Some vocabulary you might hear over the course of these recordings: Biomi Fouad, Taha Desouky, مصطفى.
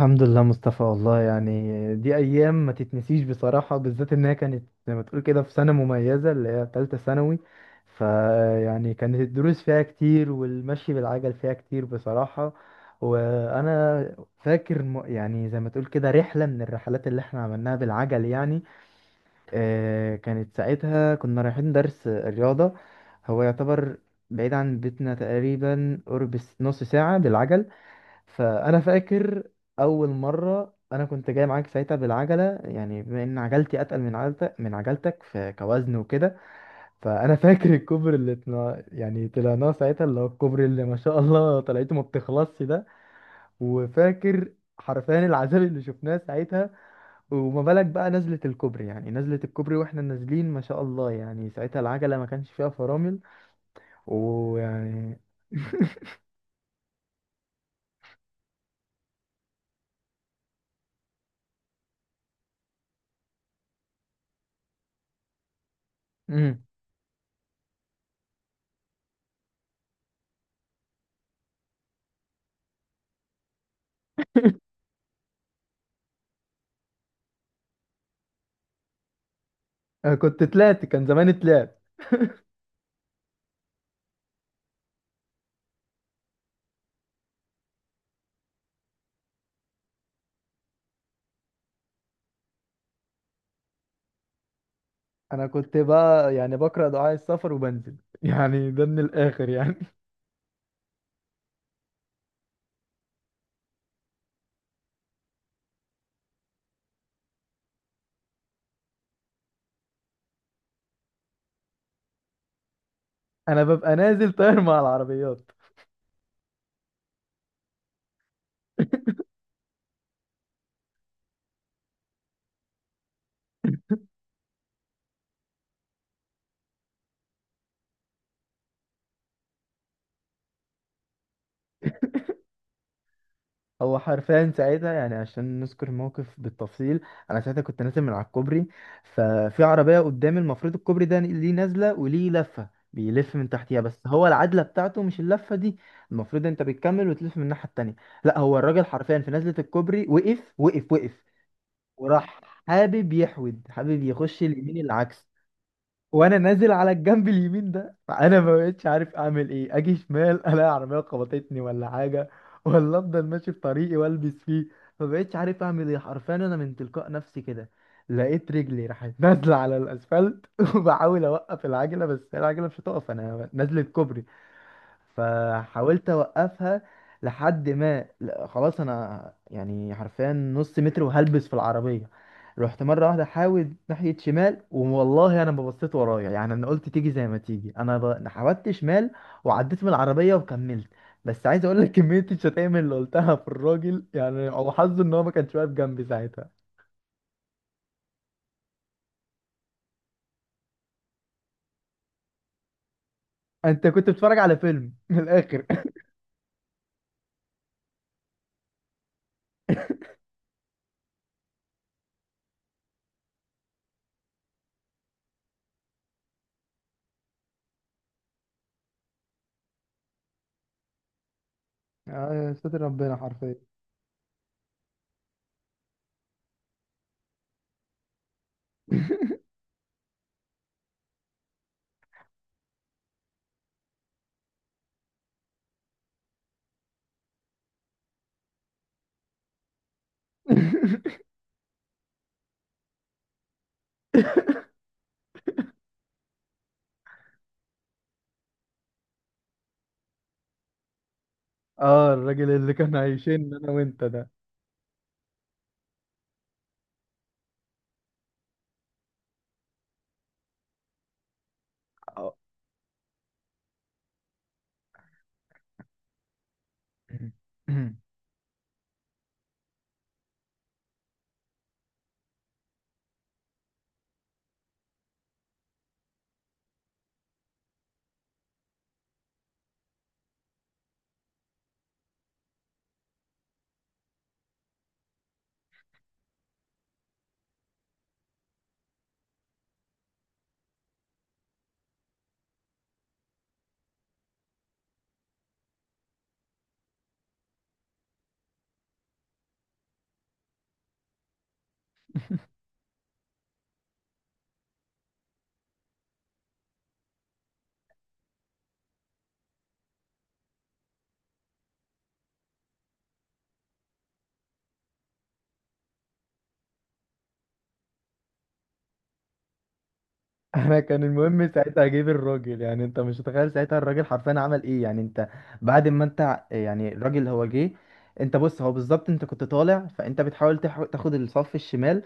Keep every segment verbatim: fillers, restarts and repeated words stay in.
الحمد لله مصطفى، والله يعني دي ايام ما تتنسيش بصراحه، بالذات انها كانت زي ما تقول كده في سنه مميزه اللي هي ثالثه ثانوي. فيعني كانت الدروس فيها كتير والمشي بالعجل فيها كتير بصراحه. وانا فاكر م- يعني زي ما تقول كده رحله من الرحلات اللي احنا عملناها بالعجل يعني. آه، كانت ساعتها كنا رايحين درس رياضه. هو يعتبر بعيد عن بيتنا تقريبا قرب نص ساعه بالعجل. فانا فاكر اول مره انا كنت جاي معاك ساعتها بالعجله، يعني بما ان عجلتي اتقل من عجلتك من عجلتك في كوزن وكده. فانا فاكر الكوبري اللي طلع، يعني طلعناه ساعتها، اللي هو الكوبري اللي ما شاء الله طلعته ما بتخلصش ده. وفاكر حرفيا العذاب اللي شفناه ساعتها. وما بالك بقى نزلة الكوبري، يعني نزلة الكوبري واحنا نازلين ما شاء الله، يعني ساعتها العجلة ما كانش فيها فرامل ويعني. مم. أنا كنت طلعت، كان زماني طلعت. انا كنت بقى يعني بقرا دعاء السفر وبنزل يعني، ده من الاخر يعني. انا ببقى نازل طاير مع العربيات. هو حرفيا ساعتها، يعني عشان نذكر الموقف بالتفصيل، انا ساعتها كنت نازل من على الكوبري. ففي عربيه قدامي، المفروض الكوبري ده ليه نازله وليه لفه بيلف من تحتيها، بس هو العدله بتاعته مش اللفه دي. المفروض انت بتكمل وتلف من الناحيه التانيه. لا، هو الراجل حرفيا في نزله الكوبري وقف وقف وقف. وراح حابب يحود، حابب يخش اليمين العكس. وانا نازل على الجنب اليمين ده، فانا ما بقتش عارف اعمل ايه. اجي شمال الاقي عربيه خبطتني ولا حاجه، ولا افضل ماشي في طريقي والبس فيه. ما بقتش عارف اعمل ايه حرفيا. انا من تلقاء نفسي كده لقيت رجلي راحت نازله على الاسفلت وبحاول اوقف العجله، بس العجله مش هتقف، انا نازله كوبري. فحاولت اوقفها لحد ما لا، خلاص، انا يعني حرفيا نص متر وهلبس في العربيه. رحت مره واحده احاول ناحيه شمال، والله انا ما بصيت ورايا يعني. انا قلت تيجي زي ما تيجي. انا ب... أنا حاولت شمال وعديت من العربيه وكملت. بس عايز اقول لك كميه الشتايم اللي قلتها في الراجل، يعني هو حظه ان هو ما كانش واقف جنبي ساعتها. انت كنت بتتفرج على فيلم من الاخر. آه، يا ستر ربنا حرفيا. اه، الراجل اللي كان عايشين انا وانت ده. اه. انا كان المهم ساعتها اجيب الراجل، يعني انت مش متخيل ساعتها الراجل حرفيا عمل ايه. يعني انت بعد ما انت ع- يعني الراجل هو جه. انت بص، هو بالظبط انت كنت طالع، فانت بتحاول تح- تاخد الصف الشمال.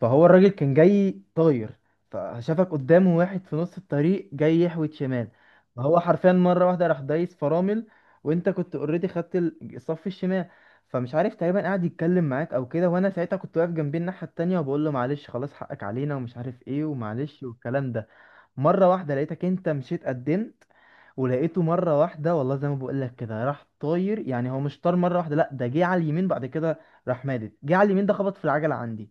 فهو الراجل كان جاي طاير، فشافك قدامه واحد في نص الطريق جاي يحوت شمال. فهو حرفيا مرة واحدة راح دايس فرامل. وانت كنت اوريدي خدت ال- الصف الشمال. فمش عارف، تقريبا قاعد يتكلم معاك او كده، وانا ساعتها كنت واقف جنبي الناحية التانية وبقول له معلش خلاص حقك علينا، ومش عارف ايه، ومعلش، والكلام ده. مرة واحدة لقيتك انت مشيت قدمت، ولقيته مرة واحدة، والله زي ما بقول لك كده راح طاير. يعني هو مش طار مرة واحدة، لا ده جه على اليمين بعد كده. راح مادد، جه على اليمين ده، خبط في العجلة عندي.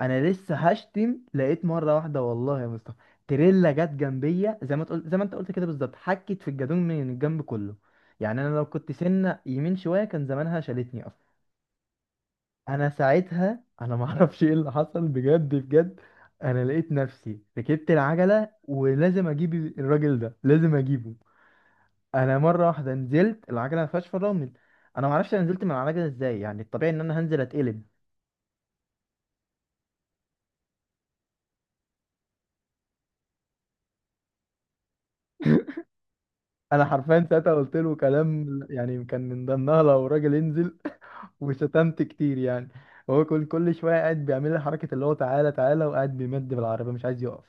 انا لسه هشتم، لقيت مره واحده والله يا مصطفى تريلا جت جنبية زي ما تقول زي ما انت قلت كده بالظبط، حكت في الجدون من الجنب كله. يعني انا لو كنت سنه يمين شويه كان زمانها شالتني اصلا. انا ساعتها انا ما اعرفش ايه اللي حصل بجد بجد. انا لقيت نفسي ركبت العجله ولازم اجيب الراجل ده، لازم اجيبه. انا مره واحده نزلت، العجله ما فيهاش فرامل. انا ما اعرفش انا نزلت من العجله ازاي، يعني الطبيعي ان انا هنزل اتقلب. انا حرفيا ساعتها قلت له كلام يعني كان من ضمنها لو راجل انزل. وشتمت كتير يعني. هو كل كل شويه قاعد بيعمل لي حركه اللي هو تعالى تعالى، وقاعد بيمد بالعربيه مش عايز يقف.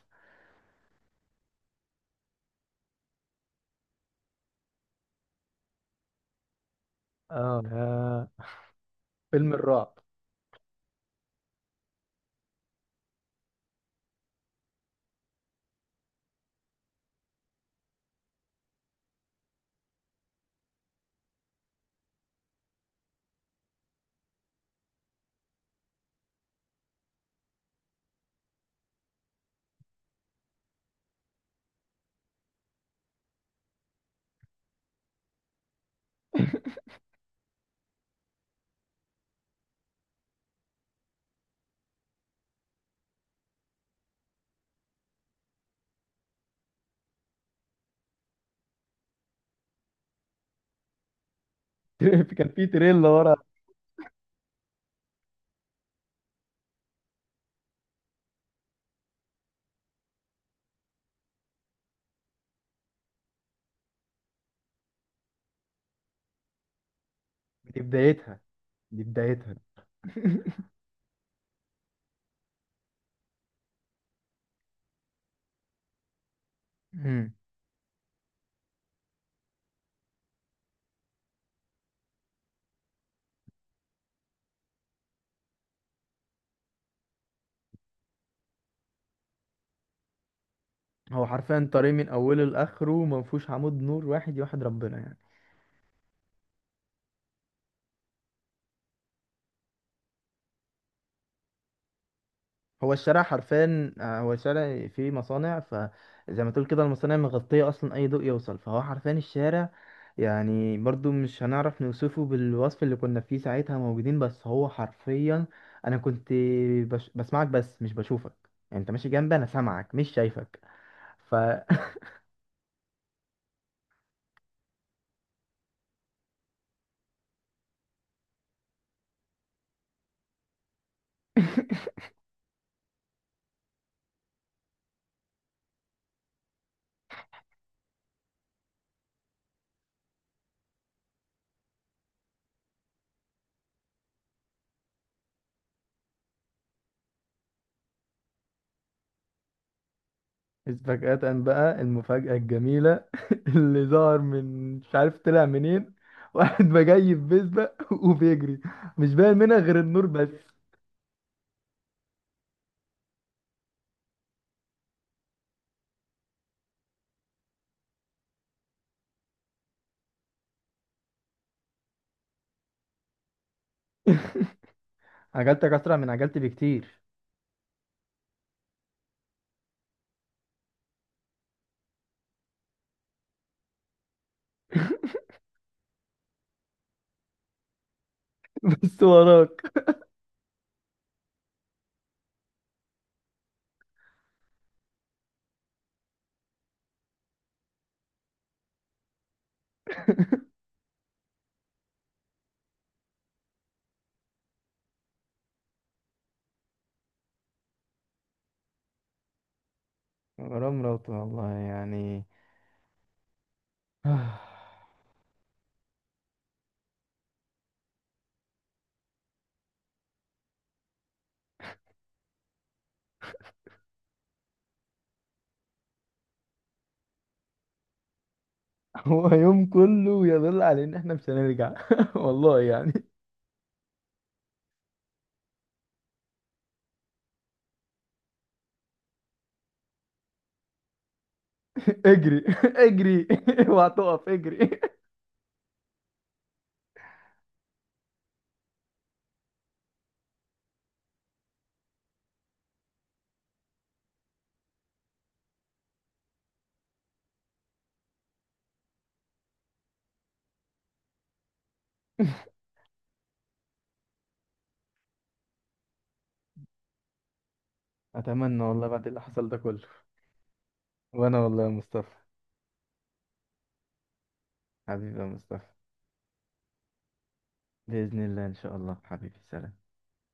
اه يا فيلم الرعب. كان في تريلا ورا. دي بدايتها، دي بدايتها. مم. هو حرفيا طريق من اوله لاخره ما فيهوش عمود نور واحد يوحد ربنا يعني. هو الشارع حرفيا، آه، هو الشارع فيه مصانع، فزي ما تقول كده المصانع مغطية أصلا أي ضوء يوصل، فهو حرفيا الشارع. يعني برضو مش هنعرف نوصفه بالوصف اللي كنا فيه ساعتها موجودين، بس هو حرفيا. أنا كنت بش... بسمعك بس مش بشوفك. يعني أنت ماشي جنبي، أنا سامعك مش شايفك. ف فجأة بقى المفاجأة الجميلة، اللي ظهر من مش عارف طلع منين، واحد بجاي في بيسبق وبيجري. مش باين منها غير النور بس. عجلتك أسرع من عجلتي بكتير. بس وراك. غرام روت والله يعني. هو يوم كله يدل على إن إحنا مش هنرجع. والله يعني. اجري، اجري، اوعى تقف، اجري. أتمنى والله بعد اللي حصل ده كله. وأنا والله يا مصطفى حبيبي يا مصطفى، بإذن الله إن شاء الله، حبيبي سلام.